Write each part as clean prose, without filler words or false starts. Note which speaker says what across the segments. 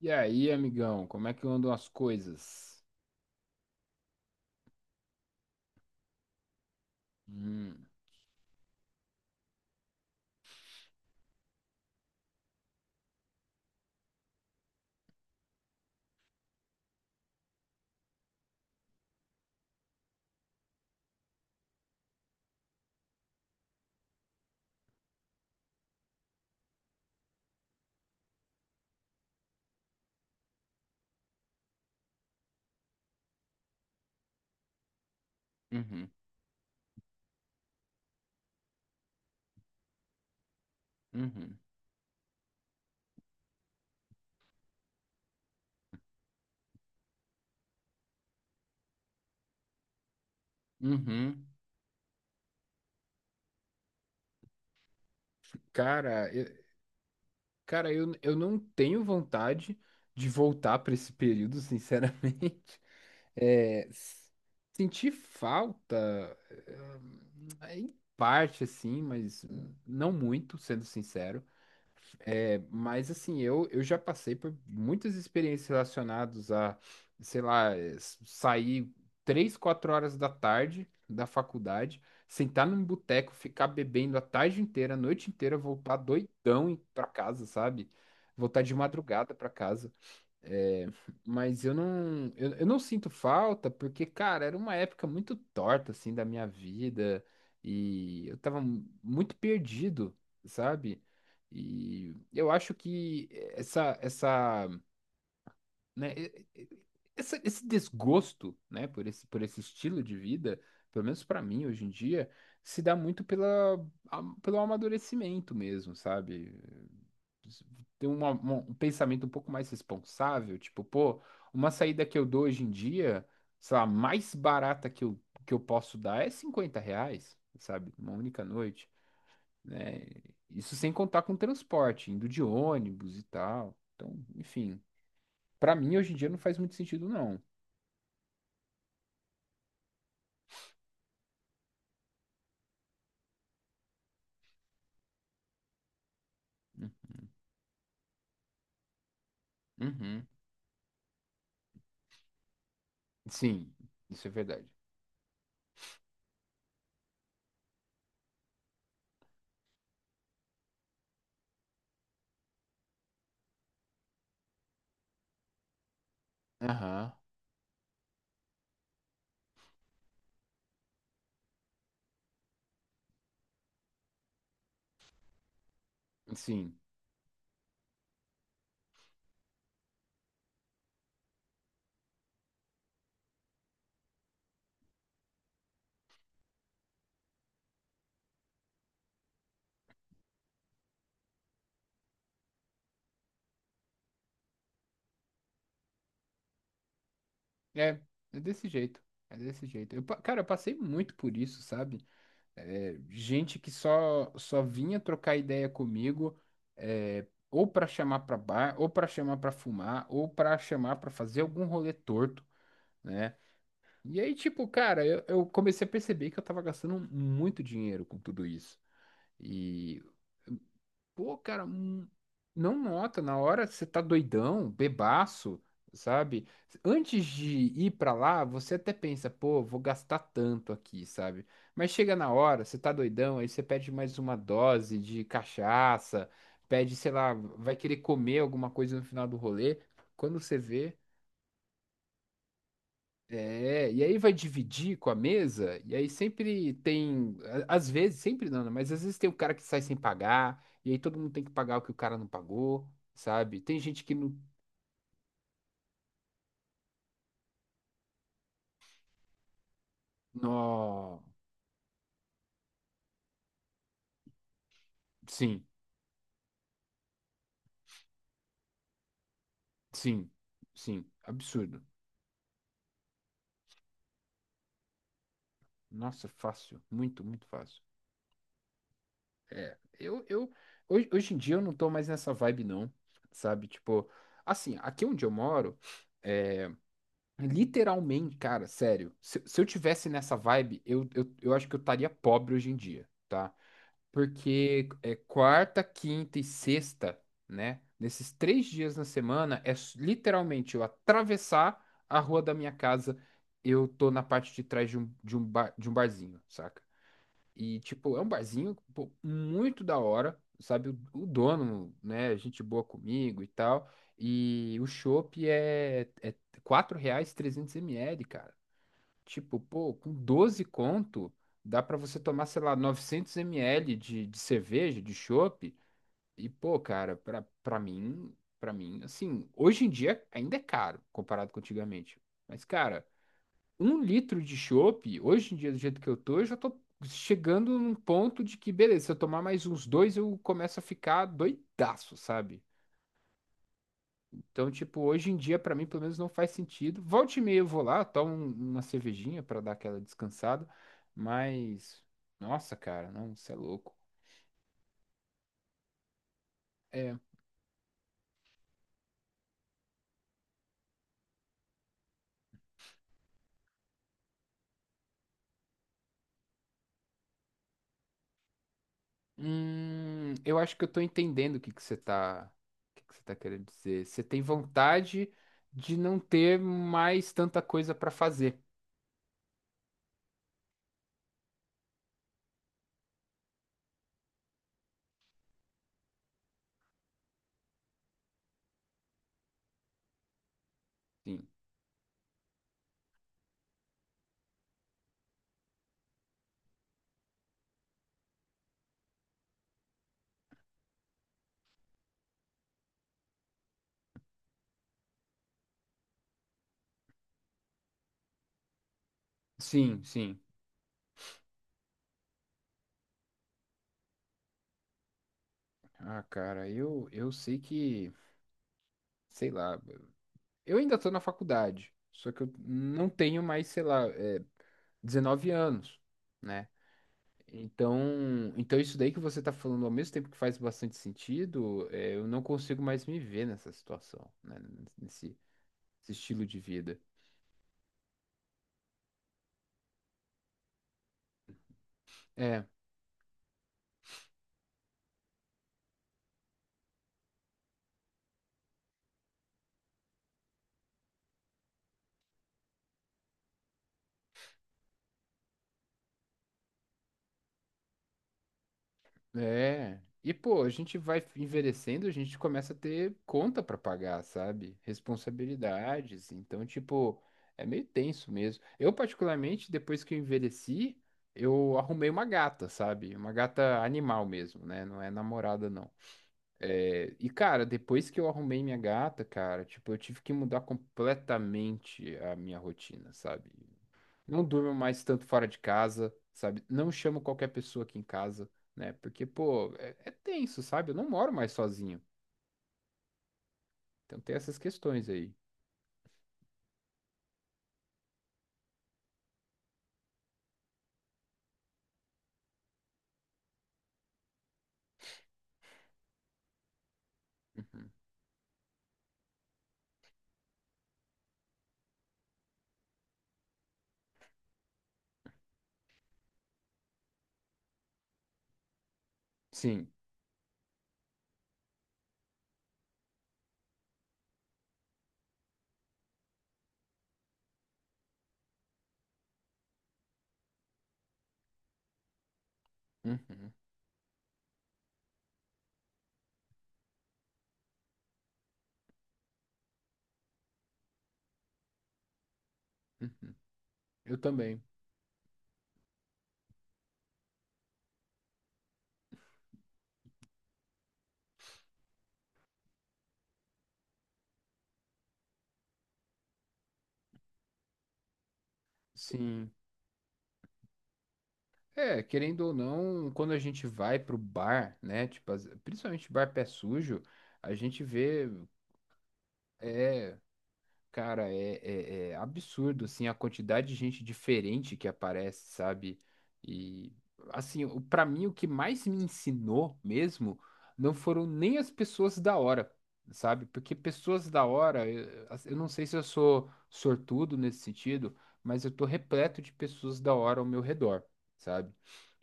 Speaker 1: E aí, amigão, como é que andam as coisas? Hum. Uhum, uhum, uhum. Cara, eu, cara, eu não tenho vontade de voltar para esse período, sinceramente. É, senti falta, em parte, assim, mas não muito, sendo sincero. É, mas assim, eu já passei por muitas experiências relacionadas a, sei lá, sair três, quatro horas da tarde da faculdade, sentar num boteco, ficar bebendo a tarde inteira, a noite inteira, voltar doidão pra casa, sabe? Voltar de madrugada pra casa. É, mas eu não, eu não sinto falta porque, cara, era uma época muito torta, assim, da minha vida e eu tava muito perdido, sabe? E eu acho que essa, né, e- essa- esse desgosto, né, por esse estilo de vida, pelo menos pra mim hoje em dia, se dá muito pela, pelo amadurecimento mesmo, sabe? Ter um pensamento um pouco mais responsável, tipo, pô, uma saída que eu dou hoje em dia, sei lá, mais barata que eu posso dar é R$ 50, sabe? Uma única noite, né? Isso sem contar com transporte, indo de ônibus e tal. Então, enfim, pra mim hoje em dia não faz muito sentido, não. Uhum. Sim, isso é verdade. Aham, sim. É, é desse jeito. É desse jeito. Eu, cara, eu passei muito por isso, sabe? É, gente que só vinha trocar ideia comigo, é, ou para chamar para bar, ou para chamar para fumar, ou para chamar para fazer algum rolê torto, né? E aí, tipo, cara, eu comecei a perceber que eu tava gastando muito dinheiro com tudo isso. E pô, cara, não nota, na hora você tá doidão, bebaço, sabe? Antes de ir pra lá, você até pensa, pô, vou gastar tanto aqui, sabe? Mas chega na hora, você tá doidão, aí você pede mais uma dose de cachaça, pede, sei lá, vai querer comer alguma coisa no final do rolê. Quando você vê, é, e aí vai dividir com a mesa, e aí sempre tem, às vezes, sempre não, né? Mas às vezes tem um cara que sai sem pagar, e aí todo mundo tem que pagar o que o cara não pagou, sabe? Tem gente que não, no... Sim, sim, sim, absurdo. Nossa, fácil, muito, muito fácil. É, hoje em dia eu não tô mais nessa vibe não, sabe? Tipo, assim, aqui onde eu moro, literalmente, cara, sério. Se eu tivesse nessa vibe, eu acho que eu estaria pobre hoje em dia, tá? Porque é quarta, quinta e sexta, né? Nesses três dias na semana, é literalmente eu atravessar a rua da minha casa, eu tô na parte de trás de bar, de um barzinho, saca? E, tipo, é um barzinho, pô, muito da hora, sabe? O dono, né? Gente boa comigo e tal. E o chopp é R$ 4 trezentos ml cara. Tipo, pô, com 12 conto, dá pra você tomar, sei lá, 900 ml de cerveja, de chopp. E, pô, cara, pra mim, assim, hoje em dia ainda é caro comparado com antigamente. Mas, cara, um litro de chopp, hoje em dia, do jeito que eu tô, eu já tô chegando num ponto de que, beleza, se eu tomar mais uns dois, eu começo a ficar doidaço, sabe? Então, tipo, hoje em dia, pra mim, pelo menos não faz sentido. Volte e meia eu vou lá, tomo uma cervejinha pra dar aquela descansada, mas, nossa, cara, não, você é louco. É, eu acho que eu tô entendendo o que que você tá, o que que você tá querendo dizer. Você tem vontade de não ter mais tanta coisa pra fazer. Sim. Sim, sim. Ah, cara, eu sei que, sei lá, eu ainda tô na faculdade, só que eu não tenho mais, sei lá, é, 19 anos, né? Então, então isso daí que você tá falando, ao mesmo tempo que faz bastante sentido, é, eu não consigo mais me ver nessa situação, né? Nesse, nesse estilo de vida. É, é. E, pô, a gente vai envelhecendo, a gente começa a ter conta pra pagar, sabe? Responsabilidades. Então, tipo, é meio tenso mesmo. Eu, particularmente, depois que eu envelheci, eu arrumei uma gata, sabe? Uma gata animal mesmo, né? Não é namorada, não. É, e, cara, depois que eu arrumei minha gata, cara, tipo, eu tive que mudar completamente a minha rotina, sabe? Não durmo mais tanto fora de casa, sabe? Não chamo qualquer pessoa aqui em casa, né? Porque, pô, é, é tenso, sabe? Eu não moro mais sozinho. Então tem essas questões aí. Uhum. Sim. Uhum. Uhum. Eu também. Sim. É, querendo ou não, quando a gente vai pro bar, né? Tipo, principalmente bar pé sujo, a gente vê. É, cara, é, é absurdo, assim, a quantidade de gente diferente que aparece, sabe? E, assim, pra mim, o que mais me ensinou mesmo não foram nem as pessoas da hora, sabe? Porque pessoas da hora, eu não sei se eu sou sortudo nesse sentido, mas eu tô repleto de pessoas da hora ao meu redor, sabe?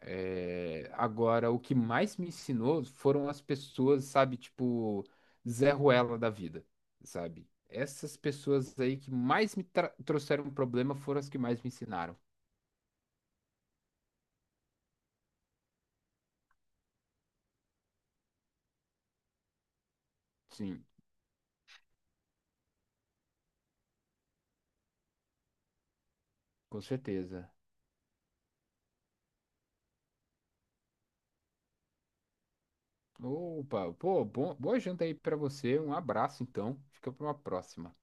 Speaker 1: É, agora, o que mais me ensinou foram as pessoas, sabe, tipo, Zé Ruela da vida, sabe? Essas pessoas aí que mais me trouxeram problema foram as que mais me ensinaram. Sim, com certeza. Opa, pô, bom, boa janta aí pra você. Um abraço, então. Fica pra uma próxima.